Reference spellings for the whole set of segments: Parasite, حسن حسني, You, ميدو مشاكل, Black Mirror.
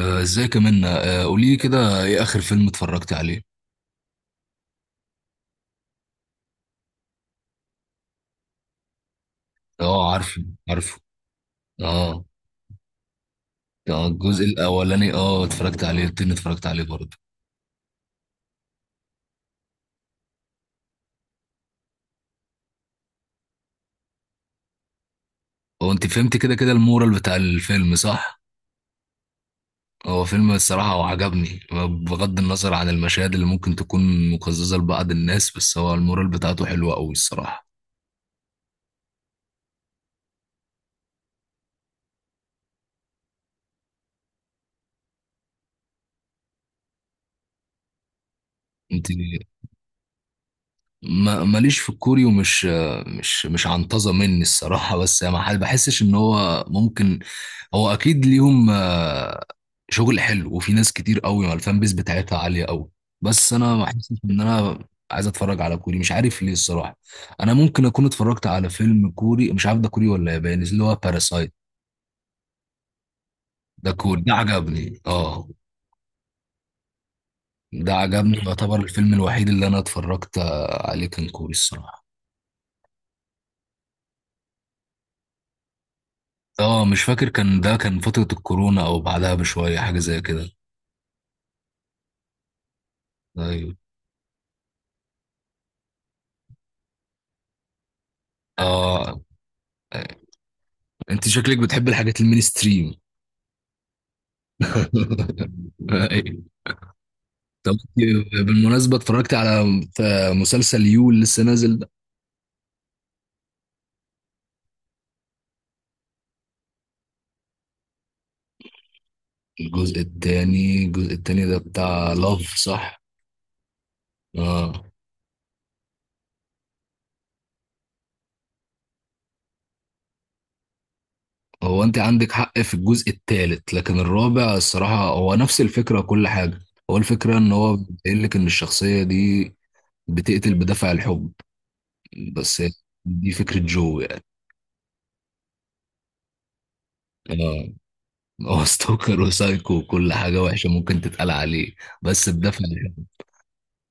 آه، ازيك يا منى؟ قولي لي كده ايه اخر فيلم اتفرجت عليه؟ اه عارفه عارفه. اه. آه، الجزء الاولاني اه اتفرجت عليه، التاني اتفرجت عليه برضه. هو انت فهمت كده كده المورال بتاع الفيلم صح؟ هو فيلم الصراحة وعجبني، بغض النظر عن المشاهد اللي ممكن تكون مقززة لبعض الناس، بس هو المورال بتاعته حلوة قوي الصراحة. انت ما ماليش في الكوري ومش مش عنطزة مني الصراحة، بس يعني ما حد بحسش ان هو ممكن، هو اكيد ليهم آه، شغل حلو وفي ناس كتير قوي ما الفان بيس بتاعتها عالية قوي. بس انا ما حسيتش ان انا عايز اتفرج على كوري، مش عارف ليه الصراحة. انا ممكن اكون اتفرجت على فيلم كوري مش عارف ده كوري ولا ياباني اللي هو باراسايت. ده كوري، ده عجبني اه. ده عجبني، يعتبر الفيلم الوحيد اللي انا اتفرجت عليه كان كوري الصراحة. اه مش فاكر كان ده كان فترة الكورونا او بعدها بشوية حاجة زي كده. ايوه. اه انت شكلك بتحب الحاجات المينستريم. أيوة. طب إنت بالمناسبة اتفرجت على مسلسل يو اللي لسه نازل ده؟ الجزء التاني، الجزء التاني ده بتاع لاف صح؟ اه. هو انت عندك حق في الجزء التالت، لكن الرابع الصراحة هو نفس الفكرة كل حاجة. هو الفكرة ان هو بيقول لك ان الشخصية دي بتقتل بدافع الحب بس، دي فكرة جو يعني. اه هو ستوكر وسايكو وكل حاجة وحشة ممكن تتقال عليه، بس بدافع الحب.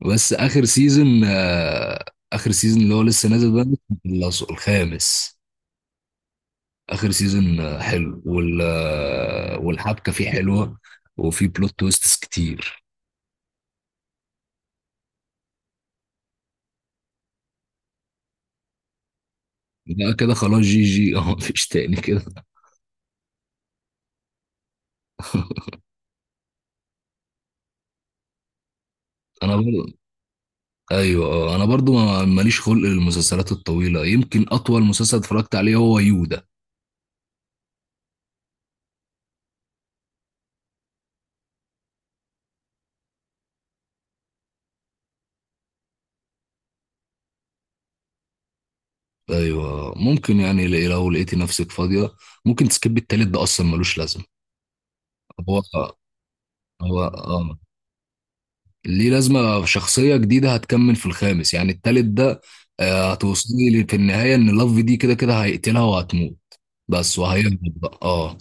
بس آخر سيزون آخر سيزون اللي هو لسه نازل ده، خلصه الخامس. آخر سيزون حلو والحبكة فيه حلوة، وفيه بلوت تويستس كتير. ده كده خلاص جي جي اه مفيش تاني كده. انا برضه. ايوه انا برضه ماليش خلق للمسلسلات الطويله، يمكن اطول مسلسل اتفرجت عليه هو يو ده. ايوه ممكن يعني لو لقيتي نفسك فاضيه ممكن تسكبي التالت، ده اصلا ملوش لازمه. هو هو اه ليه لازمه، شخصيه جديده هتكمل في الخامس، يعني التالت ده آه، هتوصلي لي في النهايه ان لاف دي كده كده هيقتلها وهتموت بس، وهيهبط بقى اه.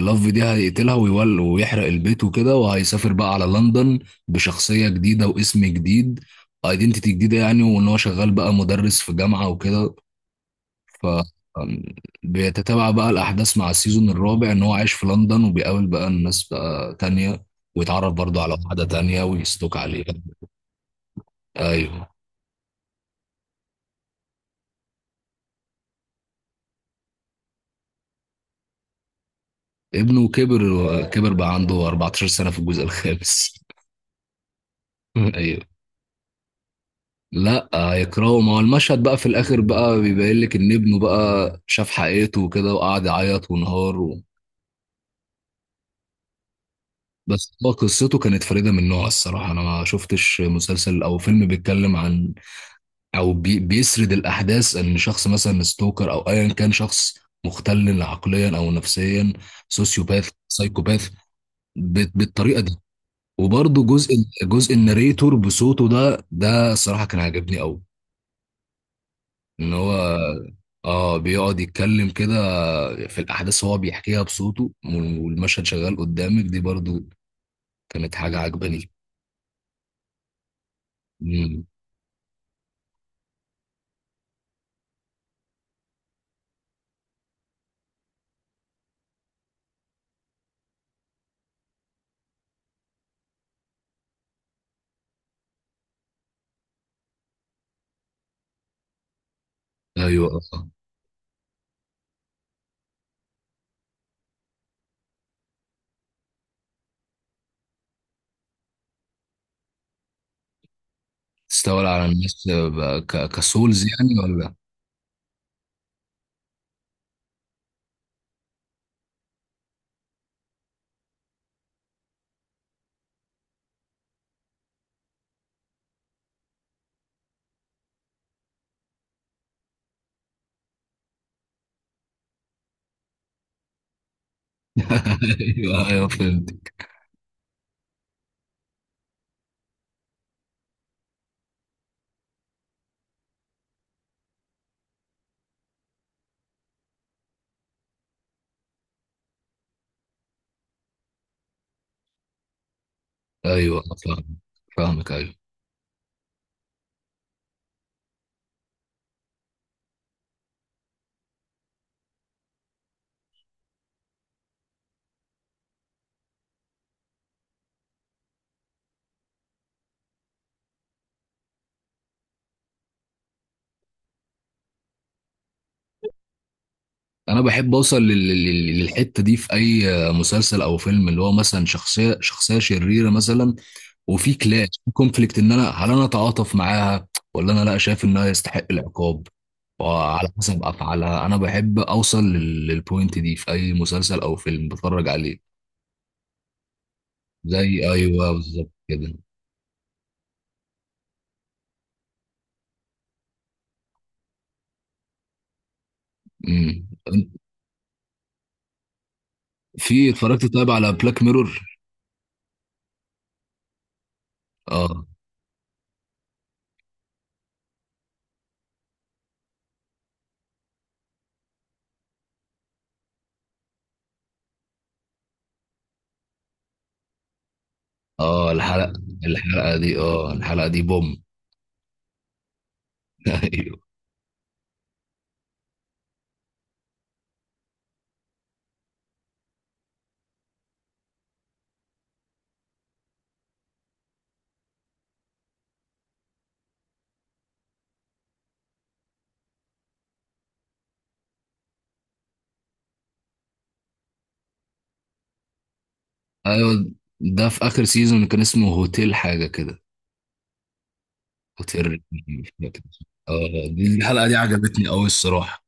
لاف دي هيقتلها ويول ويحرق البيت وكده، وهيسافر بقى على لندن بشخصيه جديده واسم جديد، ايدنتيتي جديده يعني، وان هو شغال بقى مدرس في جامعه وكده. ف أم، بيتتابع بقى الأحداث مع السيزون الرابع إن هو عايش في لندن وبيقابل بقى الناس بقى تانية، ويتعرف برضه على واحدة تانية ويستوك عليها. أيوه. ابنه كبر، كبر بقى عنده 14 سنة في الجزء الخامس. أيوه. لا هيكرهه، ما هو المشهد بقى في الآخر بقى بيبين لك إن ابنه بقى شاف حقيقته وكده، وقعد يعيط وانهار و... بس هو قصته كانت فريدة من نوعها الصراحة. أنا ما شفتش مسلسل أو فيلم بيتكلم عن او بي بيسرد الاحداث ان شخص مثلا ستوكر او ايا كان شخص مختل عقليا او نفسيا، سوسيوباث سايكوباث، بالطريقه دي. وبرضه جزء، جزء الناريتور بصوته ده ده الصراحه كان عاجبني قوي. ان هو اه بيقعد يتكلم كده في الاحداث، هو بيحكيها بصوته والمشهد شغال قدامك، دي برضه كانت حاجه عجباني. مم. ايوه آه. تستولى على الناس آه، كسولز يعني ولا؟ ايوه ايوه فهمت. ايوه فاهم. فاهمك ايوه. انا بحب اوصل للحته دي في اي مسلسل او فيلم، اللي هو مثلا شخصيه شريره مثلا، وفي كلاش في كونفليكت ان انا هل انا اتعاطف معاها ولا انا لا شايف انها يستحق العقاب. وعلى حسب افعالها انا بحب اوصل للبوينت دي في اي مسلسل او فيلم بتفرج عليه. زي ايوه بالظبط كده. امم. في اتفرجت طيب على بلاك ميرور؟ اه اه. الحلقه دي بوم. ايوه. ده في اخر سيزون كان اسمه هوتيل حاجه كده، هوتيل ريكي، مش فاكر. اه دي الحلقه دي عجبتني قوي الصراحه.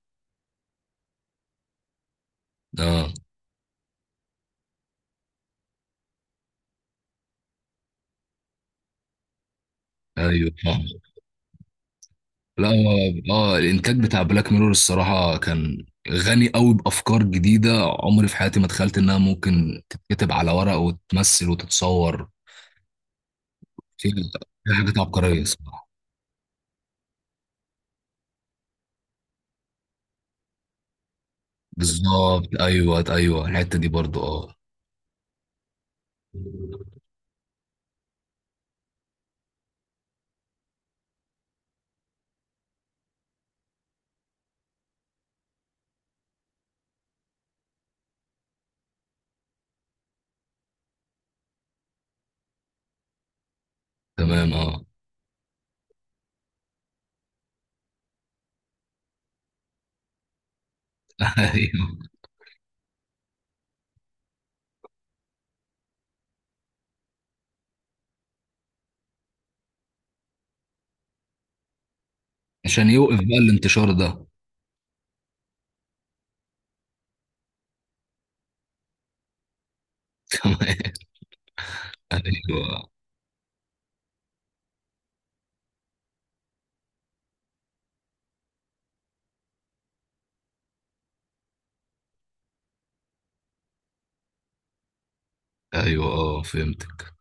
اه ايوه فاهم. لا اه الانتاج بتاع بلاك ميرور الصراحه كان غني قوي بافكار جديده. عمري في حياتي ما تخيلت انها ممكن تتكتب على ورق وتتمثل وتتصور. في في حاجات عبقريه الصراحه. بالظبط ايوه ايوه الحته دي برضو اه. تمام اه. ايوه. عشان يوقف بقى الانتشار ده. تمام. ايوه ايوه اه فهمتك.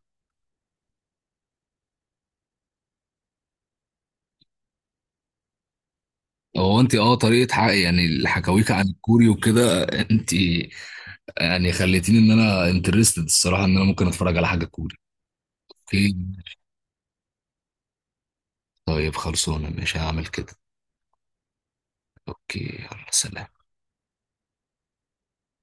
هو انت اه طريقه حق يعني الحكاويك عن الكوري وكده، انت يعني خليتيني ان انا انترستد الصراحه ان انا ممكن اتفرج على حاجه كوري. اوكي. طيب خلصونا مش هعمل كده. اوكي يلا سلام.